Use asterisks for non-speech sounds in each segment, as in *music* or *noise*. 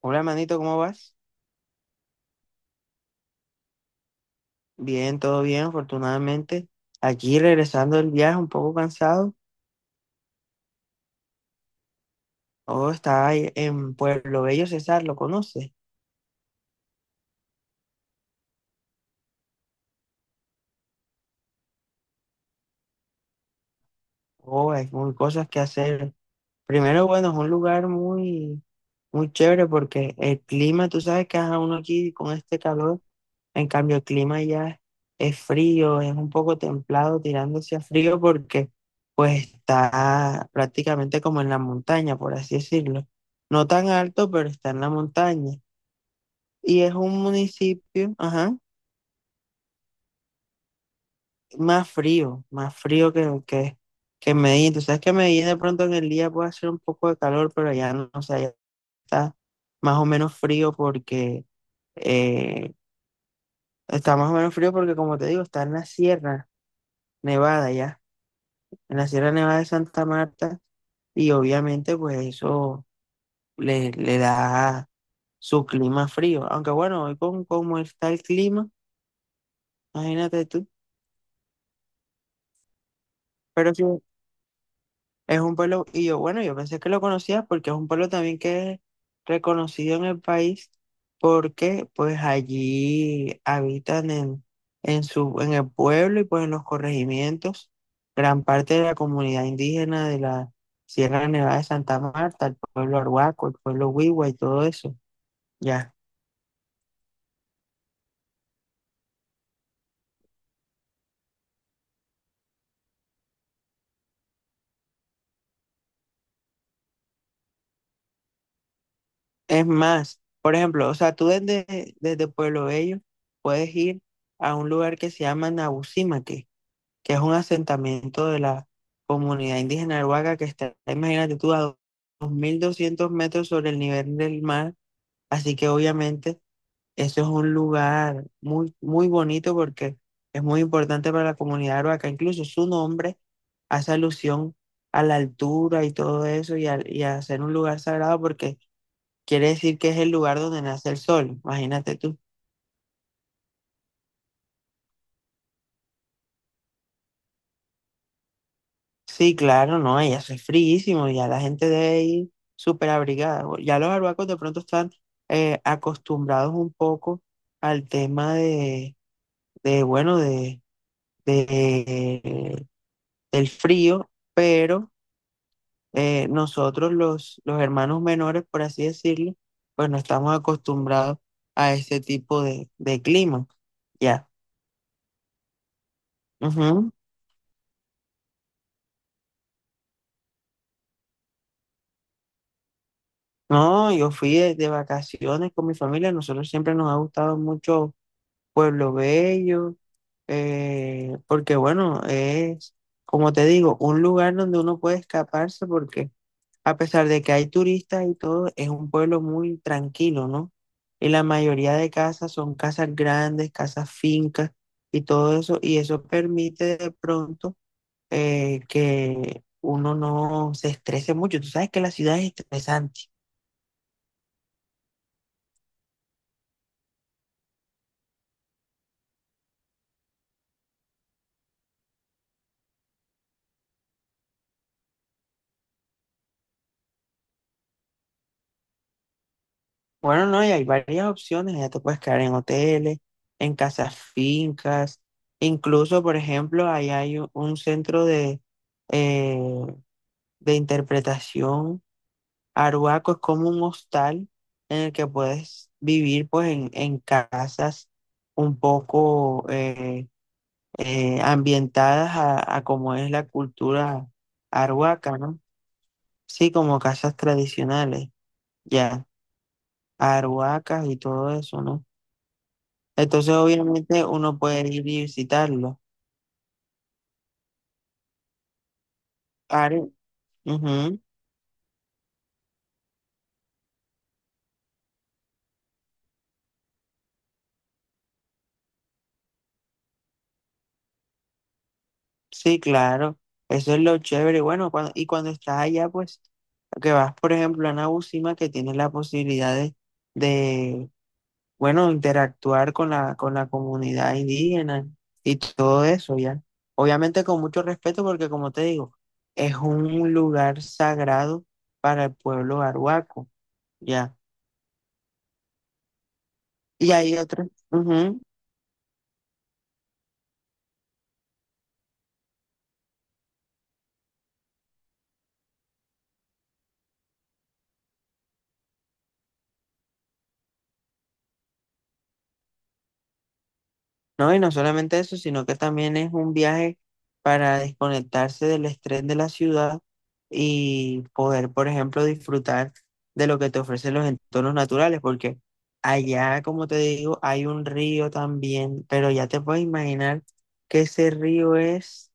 Hola, manito, ¿cómo vas? Bien, todo bien, afortunadamente. Aquí regresando del viaje, un poco cansado. Oh, está ahí en Pueblo Bello, César, ¿lo conoces? Oh, hay muy cosas que hacer. Primero, bueno, es un lugar muy, muy chévere porque el clima, tú sabes que ajá, uno aquí con este calor, en cambio el clima ya es frío, es un poco templado, tirándose a frío porque pues está prácticamente como en la montaña, por así decirlo. No tan alto, pero está en la montaña. Y es un municipio, ajá, más frío que Medellín. Tú sabes que Medellín de pronto en el día puede hacer un poco de calor, pero allá no, o sea, ya está más o menos frío porque eh, está más o menos frío porque, como te digo, está en la Sierra Nevada ya, en la Sierra Nevada de Santa Marta, y obviamente, pues eso le da su clima frío. Aunque bueno, hoy con cómo está el clima, imagínate tú. Pero sí, es un pueblo, y yo, bueno, yo pensé que lo conocía porque es un pueblo también que es reconocido en el país porque pues allí habitan en su, en el pueblo y pues en los corregimientos gran parte de la comunidad indígena de la Sierra Nevada de Santa Marta, el pueblo Arhuaco, el pueblo Huigua y todo eso, ya. Es más, por ejemplo, o sea, tú desde Pueblo Bello puedes ir a un lugar que se llama Nabusimaque, que es un asentamiento de la comunidad indígena Arhuaca que está, imagínate tú, a 2.200 metros sobre el nivel del mar. Así que obviamente eso es un lugar muy, muy bonito porque es muy importante para la comunidad Arhuaca. Incluso su nombre hace alusión a la altura y todo eso y y a ser un lugar sagrado porque quiere decir que es el lugar donde nace el sol. Imagínate tú. Sí, claro, no, ya hace fríísimo, ya la gente debe ir súper abrigada. Ya los arhuacos de pronto están acostumbrados un poco al tema de, bueno, de- del frío, pero nosotros los hermanos menores, por así decirlo, pues no estamos acostumbrados a ese tipo de clima, ya. Ujú. No, yo fui de vacaciones con mi familia, nosotros siempre nos ha gustado mucho Pueblo Bello, porque bueno, es, como te digo, un lugar donde uno puede escaparse porque a pesar de que hay turistas y todo, es un pueblo muy tranquilo, ¿no? Y la mayoría de casas son casas grandes, casas fincas y todo eso, y eso permite de pronto que uno no se estrese mucho. Tú sabes que la ciudad es estresante. Bueno, no, y hay varias opciones. Ya te puedes quedar en hoteles, en casas fincas. Incluso, por ejemplo, ahí hay un centro eh, de interpretación. Aruaco es como un hostal en el que puedes vivir pues en casas un poco ambientadas a como es la cultura aruaca, ¿no? Sí, como casas tradicionales, ya, aruacas y todo eso, ¿no? Entonces, obviamente, uno puede ir y visitarlo. Are- ujú, sí, claro. Eso es lo chévere. Bueno, cuando, y cuando estás allá, pues, que vas, por ejemplo, a Nabucima, que tienes la posibilidad de, bueno, interactuar con con la comunidad indígena y todo eso, ¿ya? Obviamente con mucho respeto, porque como te digo, es un lugar sagrado para el pueblo arhuaco, ¿ya? Y hay otros. No, y no solamente eso, sino que también es un viaje para desconectarse del estrés de la ciudad y poder, por ejemplo, disfrutar de lo que te ofrecen los entornos naturales, porque allá, como te digo, hay un río también, pero ya te puedes imaginar que ese río es,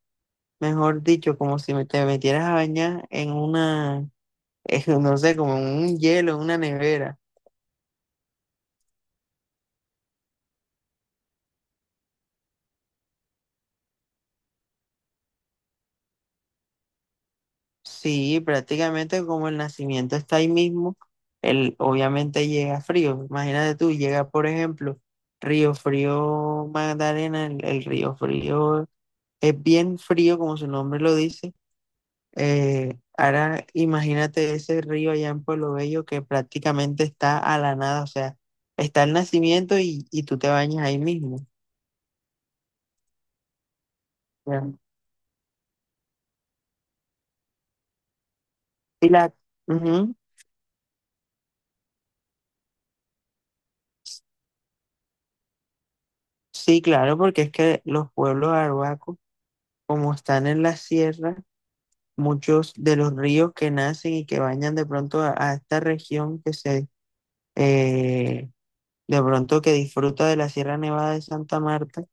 mejor dicho, como si te metieras a bañar en una, *laughs* es no sé, como en un hielo, en una nevera. Sí, prácticamente como el nacimiento está ahí mismo, el, obviamente llega frío. Imagínate tú, llega por ejemplo Río Frío Magdalena, el Río Frío es bien frío como su nombre lo dice. Ahora imagínate ese río allá en Pueblo Bello que prácticamente está a la nada, o sea, está el nacimiento y tú te bañas ahí mismo. Ya. Y la, ujú, sí, claro, porque es que los pueblos arhuacos, como están en la sierra, muchos de los ríos que nacen y que bañan de pronto a esta región que eh, de pronto que disfruta de la Sierra Nevada de Santa Marta,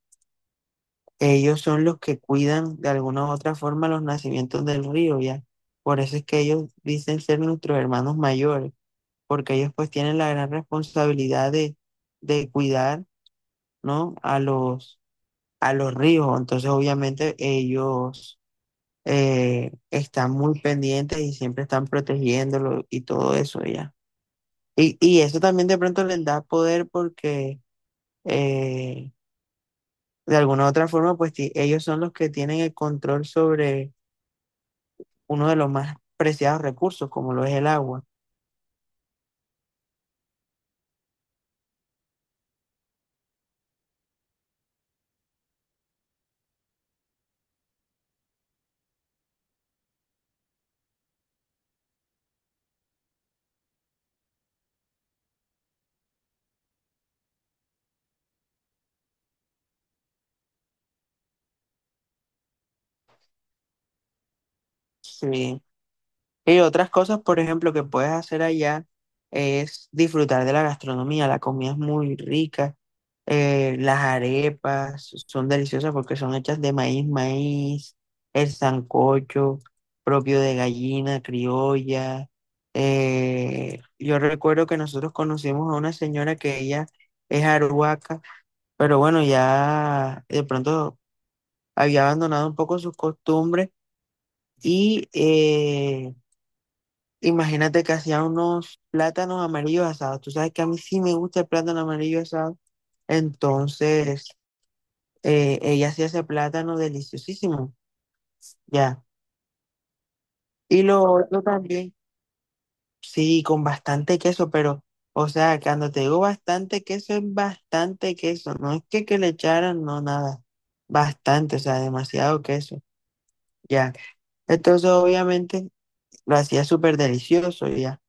ellos son los que cuidan de alguna u otra forma los nacimientos del río, ¿ya? Por eso es que ellos dicen ser nuestros hermanos mayores, porque ellos pues tienen la gran responsabilidad de cuidar, ¿no? A los ríos, entonces obviamente ellos están muy pendientes y siempre están protegiéndolo y todo eso ya. Y eso también de pronto les da poder porque eh, de alguna u otra forma, pues ellos son los que tienen el control sobre uno de los más preciados recursos, como lo es el agua. Sí. Y otras cosas, por ejemplo, que puedes hacer allá es disfrutar de la gastronomía. La comida es muy rica. Eh, las arepas son deliciosas porque son hechas de maíz, maíz, el sancocho propio de gallina criolla. Eh, yo recuerdo que nosotros conocimos a una señora que ella es arhuaca, pero bueno, ya de pronto había abandonado un poco sus costumbres y... imagínate que hacía unos plátanos amarillos asados. Tú sabes que a mí sí me gusta el plátano amarillo asado. Entonces, ella hacía ese plátano deliciosísimo. Ya. Y lo otro también, sí, con bastante queso, pero, o sea, cuando te digo bastante queso, es bastante queso. No es que le echaran, no, nada. Bastante, o sea, demasiado queso. Ya. Entonces, obviamente, lo hacía súper delicioso, ya.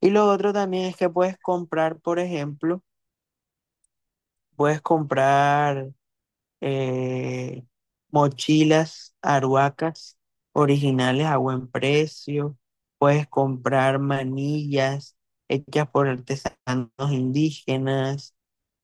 Y lo otro también es que puedes comprar, por ejemplo, puedes comprar eh, mochilas aruacas originales a buen precio. Puedes comprar manillas hechas por artesanos indígenas.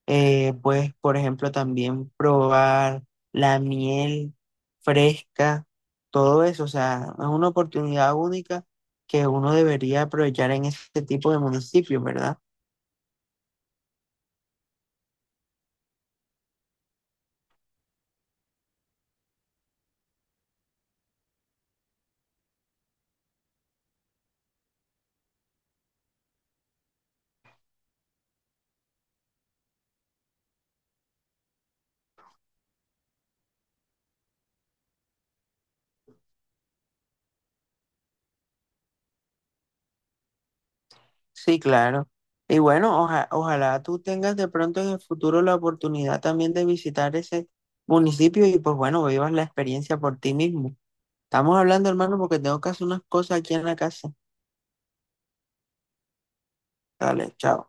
Puedes, por ejemplo, también probar la miel fresca. Todo eso, o sea, es una oportunidad única que uno debería aprovechar en este tipo de municipios, ¿verdad? Sí, claro. Y bueno, ojalá tú tengas de pronto en el futuro la oportunidad también de visitar ese municipio y pues bueno, vivas la experiencia por ti mismo. Estamos hablando, hermano, porque tengo que hacer unas cosas aquí en la casa. Dale, chao.